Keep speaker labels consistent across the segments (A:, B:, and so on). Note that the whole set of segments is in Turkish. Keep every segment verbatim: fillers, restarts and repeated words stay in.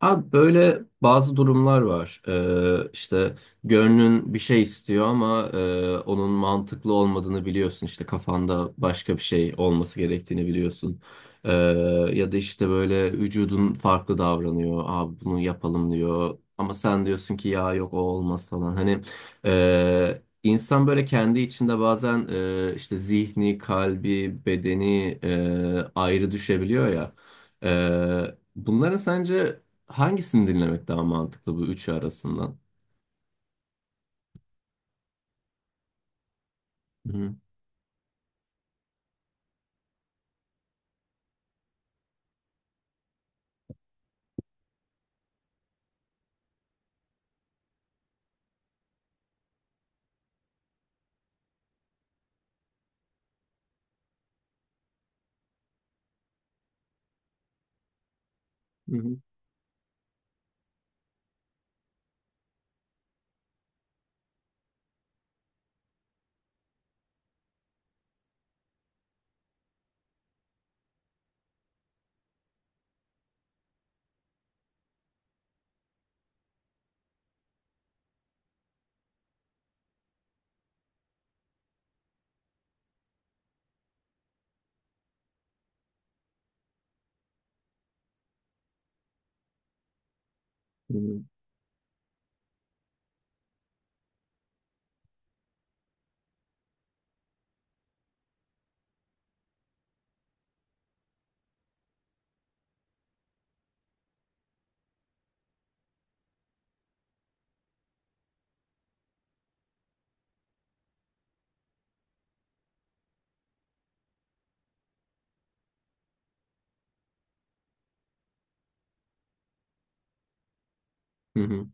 A: Abi böyle bazı durumlar var. Ee, işte gönlün bir şey istiyor ama e, onun mantıklı olmadığını biliyorsun. İşte kafanda başka bir şey olması gerektiğini biliyorsun. Ee, Ya da işte böyle vücudun farklı davranıyor. Abi bunu yapalım diyor. Ama sen diyorsun ki ya yok o olmaz falan. Hani e, insan böyle kendi içinde bazen e, işte zihni, kalbi, bedeni e, ayrı düşebiliyor ya. Ee, bunların sence hangisini dinlemek daha mantıklı bu üçü arasından? Hı hı, hı hı, hı hı, hı hı.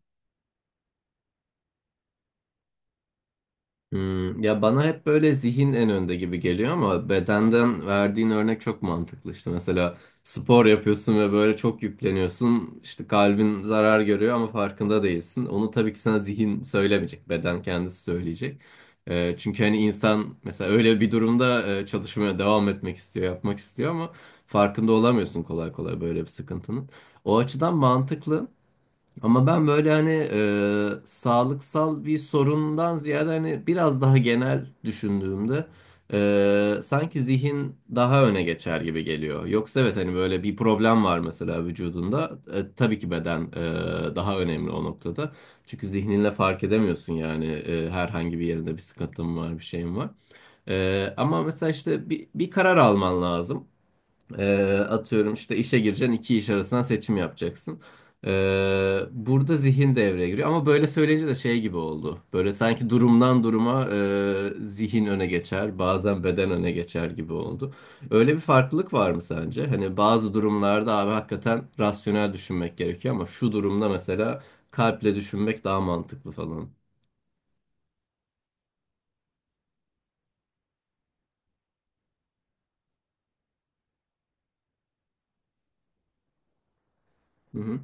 A: Hmm, Ya bana hep böyle zihin en önde gibi geliyor ama bedenden verdiğin örnek çok mantıklı. İşte mesela spor yapıyorsun ve böyle çok yükleniyorsun. İşte kalbin zarar görüyor ama farkında değilsin. Onu tabii ki sana zihin söylemeyecek. Beden kendisi söyleyecek. Ee, çünkü hani insan mesela öyle bir durumda e, çalışmaya devam etmek istiyor, yapmak istiyor ama farkında olamıyorsun kolay kolay böyle bir sıkıntının. O açıdan mantıklı. Ama ben böyle hani e, sağlıksal bir sorundan ziyade hani biraz daha genel düşündüğümde e, sanki zihin daha öne geçer gibi geliyor. Yoksa evet hani böyle bir problem var mesela vücudunda. E, tabii ki beden e, daha önemli o noktada. Çünkü zihninle fark edemiyorsun yani e, herhangi bir yerinde bir sıkıntın var, bir şeyin var. E, ama mesela işte bir, bir karar alman lazım. Ee, atıyorum işte işe gireceksin iki iş arasından seçim yapacaksın. Ee, burada zihin devreye giriyor ama böyle söyleyince de şey gibi oldu. Böyle sanki durumdan duruma e, zihin öne geçer bazen beden öne geçer gibi oldu. Öyle bir farklılık var mı sence? Hani bazı durumlarda abi hakikaten rasyonel düşünmek gerekiyor ama şu durumda mesela kalple düşünmek daha mantıklı falan. Hı hı.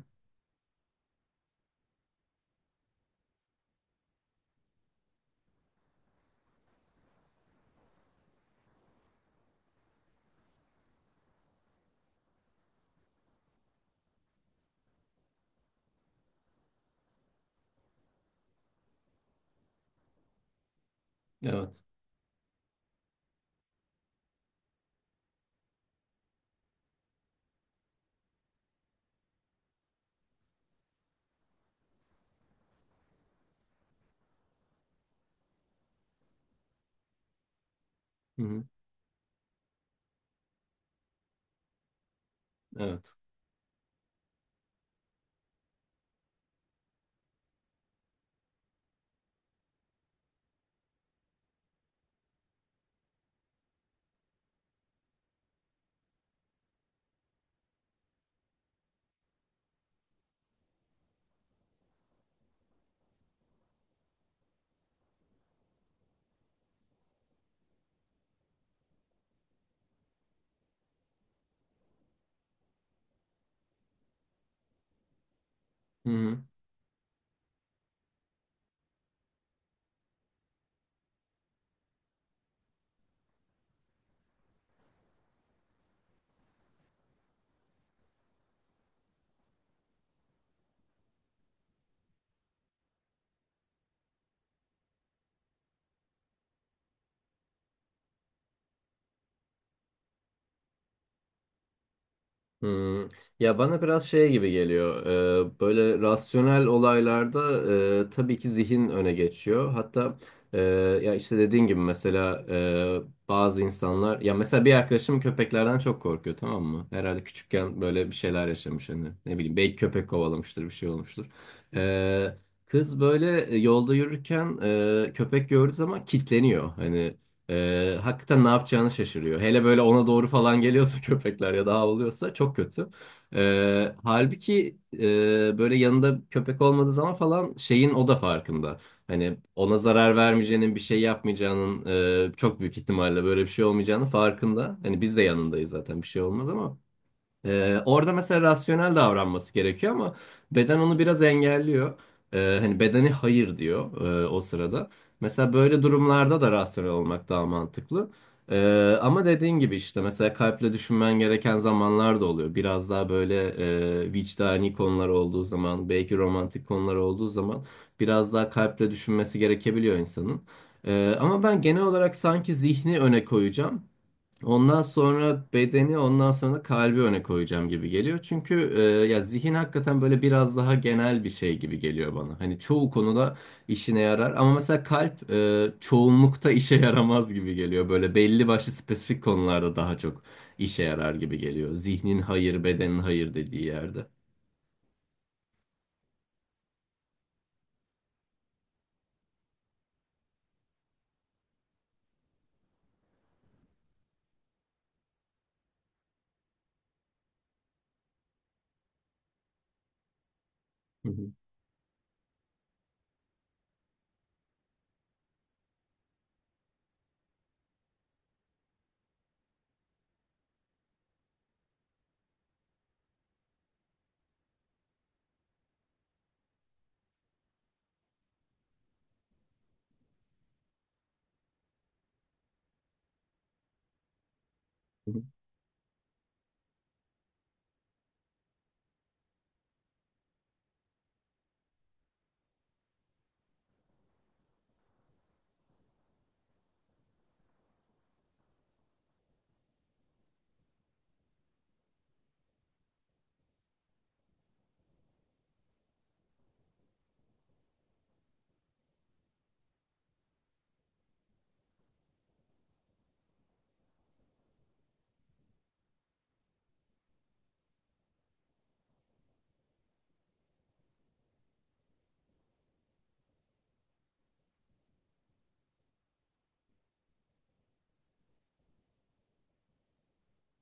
A: Evet. Hı hı. Evet. Hmm. Ya bana biraz şey gibi geliyor. Ee, böyle rasyonel olaylarda e, tabii ki zihin öne geçiyor. Hatta e, ya işte dediğin gibi mesela e, bazı insanlar ya mesela bir arkadaşım köpeklerden çok korkuyor tamam mı? Herhalde küçükken böyle bir şeyler yaşamış hani ne bileyim belki köpek kovalamıştır bir şey olmuştur. Ee, Kız böyle yolda yürürken e, köpek gördüğü zaman kitleniyor. Hani ee, hakikaten ne yapacağını şaşırıyor. Hele böyle ona doğru falan geliyorsa köpekler ya da havlıyorsa çok kötü. Ee, halbuki e, böyle yanında köpek olmadığı zaman falan şeyin o da farkında. Hani ona zarar vermeyeceğinin bir şey yapmayacağının e, çok büyük ihtimalle böyle bir şey olmayacağının farkında. Hani biz de yanındayız zaten bir şey olmaz ama. Ee, orada mesela rasyonel davranması gerekiyor ama beden onu biraz engelliyor. Ee, hani bedeni hayır diyor e, o sırada. Mesela böyle durumlarda da rasyonel olmak daha mantıklı. Ee, ama dediğin gibi işte mesela kalple düşünmen gereken zamanlar da oluyor. Biraz daha böyle e, vicdani konular olduğu zaman, belki romantik konular olduğu zaman biraz daha kalple düşünmesi gerekebiliyor insanın. Ee, ama ben genel olarak sanki zihni öne koyacağım. Ondan sonra bedeni, ondan sonra da kalbi öne koyacağım gibi geliyor. Çünkü e, ya zihin hakikaten böyle biraz daha genel bir şey gibi geliyor bana. Hani çoğu konuda işine yarar ama mesela kalp e, çoğunlukta işe yaramaz gibi geliyor. Böyle belli başlı spesifik konularda daha çok işe yarar gibi geliyor. Zihnin hayır, bedenin hayır dediği yerde. Hı hı.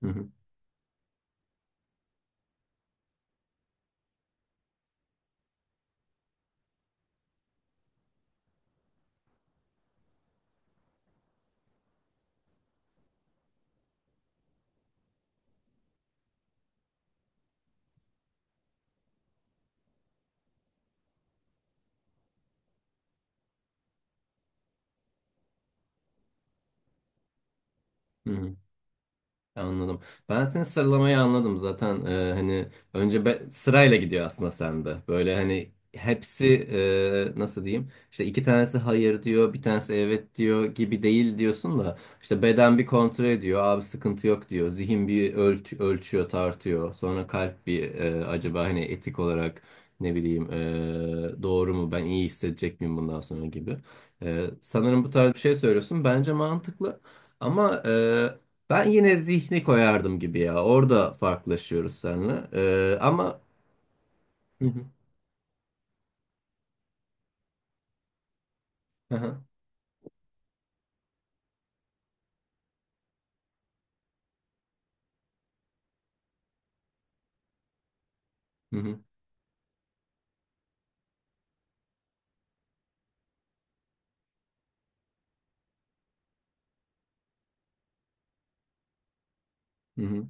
A: Hı hı. Hı hı. Anladım. Ben senin sıralamayı anladım zaten. Ee, hani önce be- sırayla gidiyor aslında sende. Böyle hani hepsi e, nasıl diyeyim? İşte iki tanesi hayır diyor, bir tanesi evet diyor gibi değil diyorsun da işte beden bir kontrol ediyor. Abi sıkıntı yok diyor. Zihin bir ölç- ölçüyor, tartıyor. Sonra kalp bir e, acaba hani etik olarak ne bileyim e, doğru mu? Ben iyi hissedecek miyim bundan sonra gibi. E, sanırım bu tarz bir şey söylüyorsun. Bence mantıklı. Ama e, ben yine zihni koyardım gibi ya. Orada farklılaşıyoruz seninle. Ee, ama... Hı hı. Hı hı. Hı hı. Hı hı.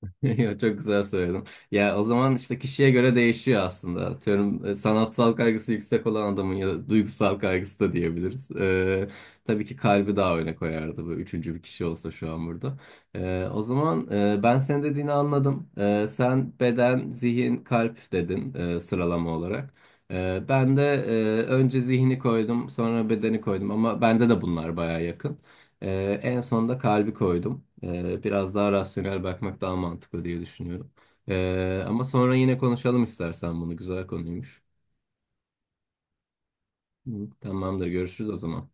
A: Yo, çok güzel söyledin. Ya o zaman işte kişiye göre değişiyor aslında. Atıyorum e, sanatsal kaygısı yüksek olan adamın ya da duygusal kaygısı da diyebiliriz. Ee, tabii ki kalbi daha öne koyardı bu üçüncü bir kişi olsa şu an burada. Ee, o zaman e, ben senin dediğini anladım. Ee, sen beden, zihin, kalp dedin e, sıralama olarak. Ee, ben de e, önce zihni koydum, sonra bedeni koydum ama bende de bunlar baya yakın. Ee, en sonunda kalbi koydum. Ee, biraz daha rasyonel bakmak daha mantıklı diye düşünüyorum. Ee, ama sonra yine konuşalım istersen bunu. Güzel konuymuş. Hı, tamamdır, görüşürüz o zaman.